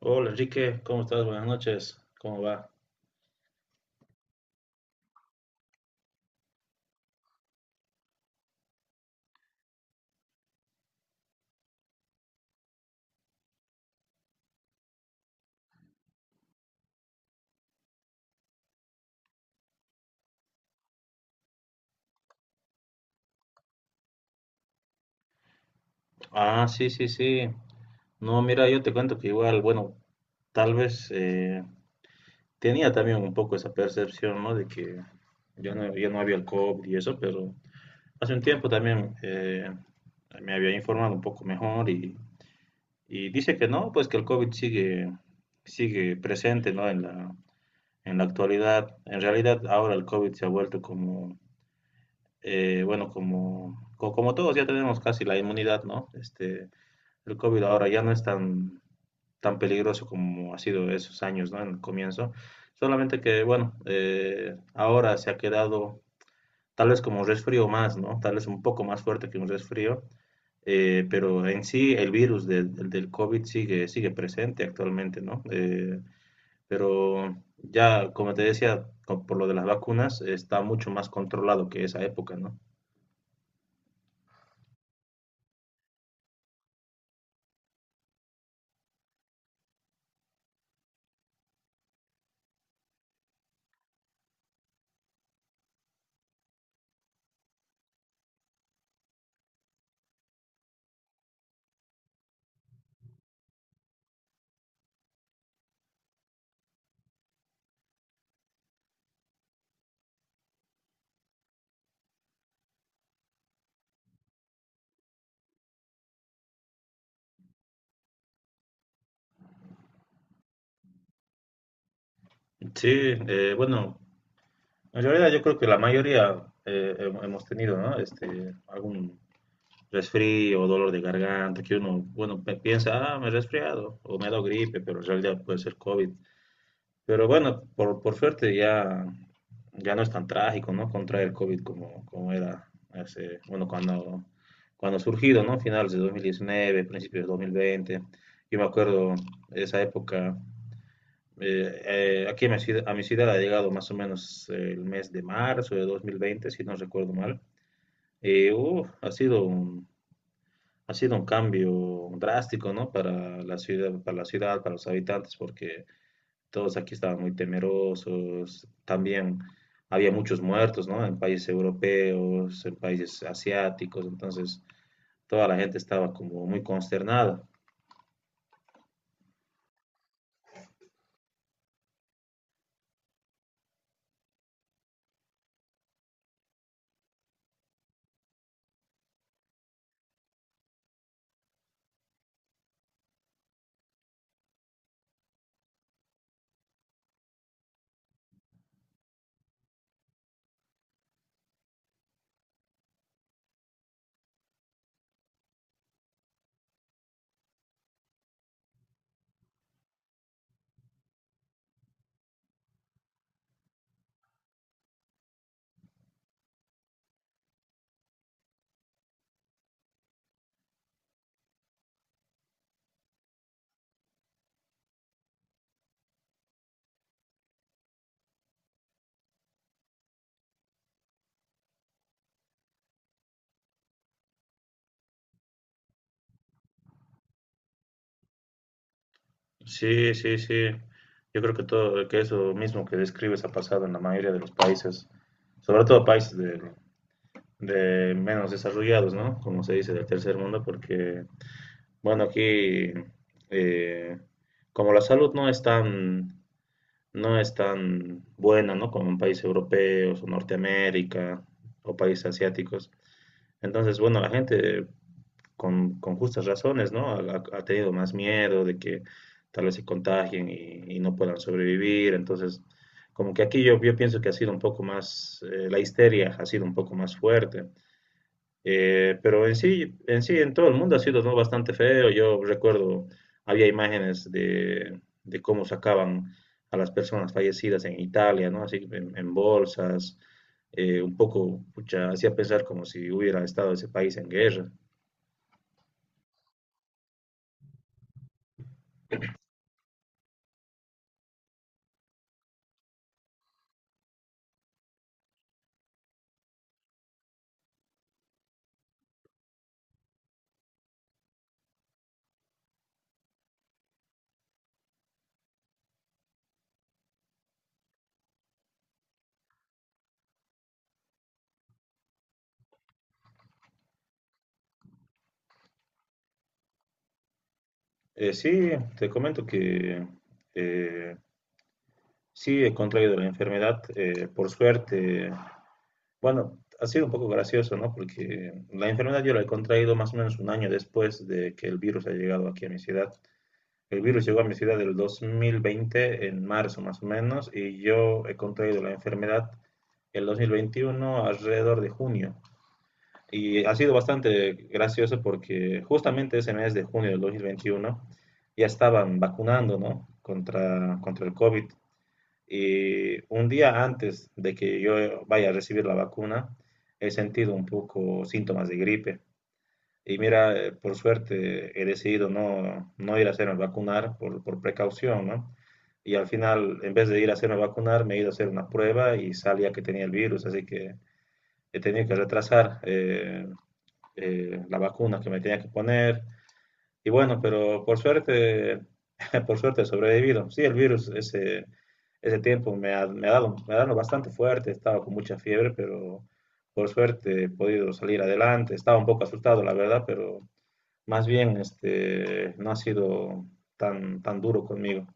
Hola Enrique, ¿cómo estás? Buenas noches, ¿cómo va? Ah, sí, sí, sí. No, mira, yo te cuento que igual, bueno, tal vez tenía también un poco esa percepción, ¿no? De que ya no, ya no había el COVID y eso, pero hace un tiempo también me había informado un poco mejor y dice que no, pues que el COVID sigue, sigue presente, ¿no? En la actualidad. En realidad, ahora el COVID se ha vuelto como bueno, como todos ya tenemos casi la inmunidad, ¿no? Este, el COVID ahora ya no es tan peligroso como ha sido esos años, ¿no? En el comienzo. Solamente que, bueno, ahora se ha quedado tal vez como un resfrío más, ¿no? Tal vez un poco más fuerte que un resfrío, pero en sí el virus del COVID sigue, sigue presente actualmente, ¿no? Pero ya, como te decía, por lo de las vacunas, está mucho más controlado que esa época, ¿no? Sí, bueno, en realidad yo creo que la mayoría hemos tenido, ¿no? Este, algún resfrío o dolor de garganta que uno, bueno, piensa, ah, me he resfriado o me he dado gripe, pero en realidad puede ser COVID. Pero bueno, por suerte ya, ya no es tan trágico, ¿no? Contraer el COVID como, como era hace, bueno, cuando ha surgido, ¿no? Finales de 2019, principios de 2020. Yo me acuerdo esa época. Aquí a a mi ciudad ha llegado más o menos el mes de marzo de 2020, si no recuerdo mal. Uf, ha sido ha sido un cambio drástico, ¿no? Para la ciudad, para la ciudad, para los habitantes, porque todos aquí estaban muy temerosos. También había muchos muertos, ¿no? En países europeos, en países asiáticos, entonces toda la gente estaba como muy consternada. Sí, sí, sí. Yo creo que todo, que eso mismo que describes ha pasado en la mayoría de los países, sobre todo países de menos desarrollados, ¿no? Como se dice, del tercer mundo, porque, bueno, aquí, eh, como la salud no es tan, no es tan buena, ¿no? Como en países europeos o Norteamérica o países asiáticos. Entonces, bueno, la gente con justas razones, ¿no? Ha tenido más miedo de que tal vez se contagien y no puedan sobrevivir. Entonces, como que aquí yo pienso que ha sido un poco más, la histeria ha sido un poco más fuerte. Pero en sí, en sí, en todo el mundo ha sido, ¿no? Bastante feo. Yo recuerdo, había imágenes de cómo sacaban a las personas fallecidas en Italia, ¿no? Así en bolsas, un poco, pucha, hacía pensar como si hubiera estado ese país en guerra. Sí, te comento que eh, sí he contraído la enfermedad, por suerte. Bueno, ha sido un poco gracioso, ¿no? Porque la enfermedad yo la he contraído más o menos un año después de que el virus ha llegado aquí a mi ciudad. El virus llegó a mi ciudad el 2020, en marzo más o menos, y yo he contraído la enfermedad el 2021 alrededor de junio. Y ha sido bastante gracioso porque justamente ese mes de junio del 2021 ya estaban vacunando, ¿no? Contra, contra el COVID y un día antes de que yo vaya a recibir la vacuna, he sentido un poco síntomas de gripe. Y mira, por suerte he decidido no, no ir a hacerme vacunar por precaución, ¿no? Y al final, en vez de ir a hacerme vacunar, me he ido a hacer una prueba y salía que tenía el virus, así que he tenido que retrasar la vacuna que me tenía que poner. Y bueno, pero por suerte, por suerte he sobrevivido. Sí, el virus ese, ese tiempo me me ha dado bastante fuerte, estaba con mucha fiebre, pero por suerte he podido salir adelante. Estaba un poco asustado, la verdad, pero más bien este, no ha sido tan, tan duro conmigo.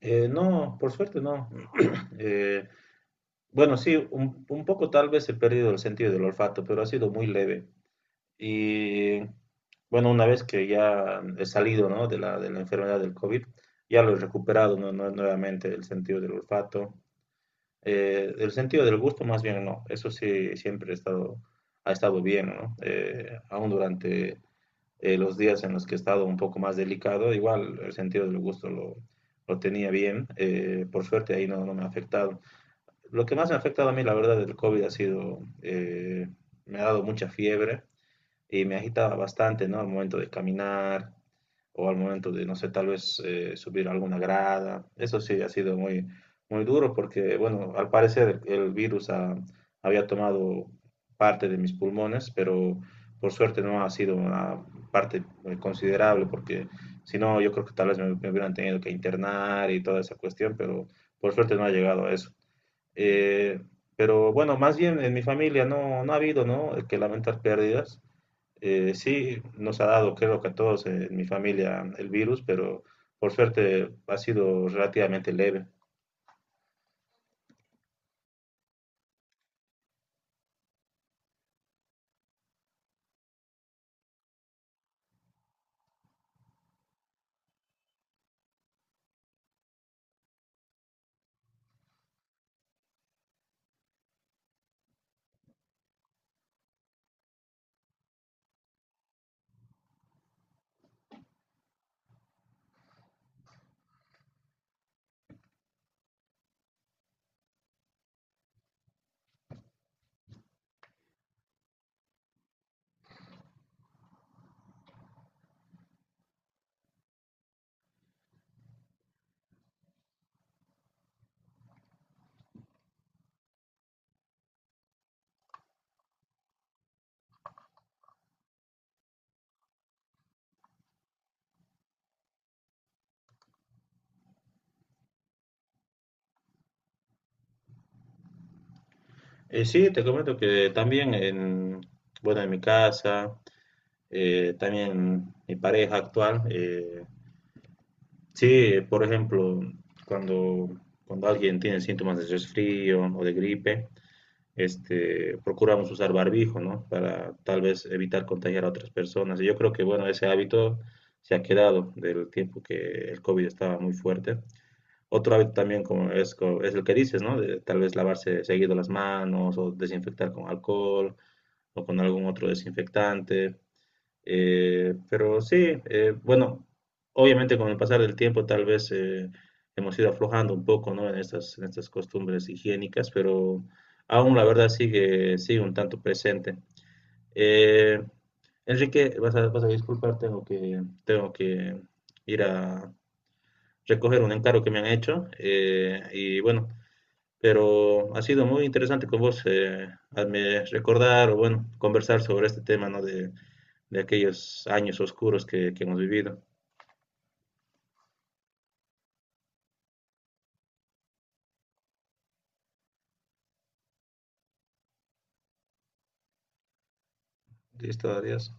No, por suerte no. Eh, bueno, sí, un poco tal vez he perdido el sentido del olfato, pero ha sido muy leve. Y bueno, una vez que ya he salido, ¿no? De la, de la enfermedad del COVID, ya lo he recuperado, ¿no? Nuevamente el sentido del olfato. El sentido del gusto, más bien, no. Eso sí, siempre he estado, ha estado bien, ¿no? Aún durante los días en los que he estado un poco más delicado, igual el sentido del gusto lo tenía bien. Por suerte ahí no, no me ha afectado. Lo que más me ha afectado a mí, la verdad, del COVID ha sido, me ha dado mucha fiebre y me agitaba bastante, ¿no? Al momento de caminar o al momento de, no sé, tal vez subir alguna grada. Eso sí ha sido muy, muy duro porque, bueno, al parecer el virus había tomado parte de mis pulmones, pero por suerte no ha sido una parte considerable porque si no, yo creo que tal vez me hubieran tenido que internar y toda esa cuestión, pero por suerte no ha llegado a eso. Eh, pero bueno, más bien en mi familia no, no ha habido, ¿no? Que lamentar pérdidas. Sí, nos ha dado, creo que a todos en mi familia, el virus, pero por suerte ha sido relativamente leve. Sí, te comento que también en, bueno, en mi casa, también mi pareja actual, sí, por ejemplo, cuando, cuando alguien tiene síntomas de resfrío o de gripe, este, procuramos usar barbijo, ¿no? Para tal vez evitar contagiar a otras personas. Y yo creo que, bueno, ese hábito se ha quedado del tiempo que el COVID estaba muy fuerte. Otro hábito también como es, es el que dices, ¿no? De tal vez lavarse seguido las manos o desinfectar con alcohol o con algún otro desinfectante. Pero sí, bueno, obviamente con el pasar del tiempo tal vez hemos ido aflojando un poco, ¿no? En estas costumbres higiénicas, pero aún la verdad sigue, sigue un tanto presente. Eh, Enrique, vas a disculpar, tengo que ir a recoger un encargo que me han hecho, y bueno, pero ha sido muy interesante con vos, hazme recordar o bueno, conversar sobre este tema, ¿no? De aquellos años oscuros que hemos vivido. Listo, adiós.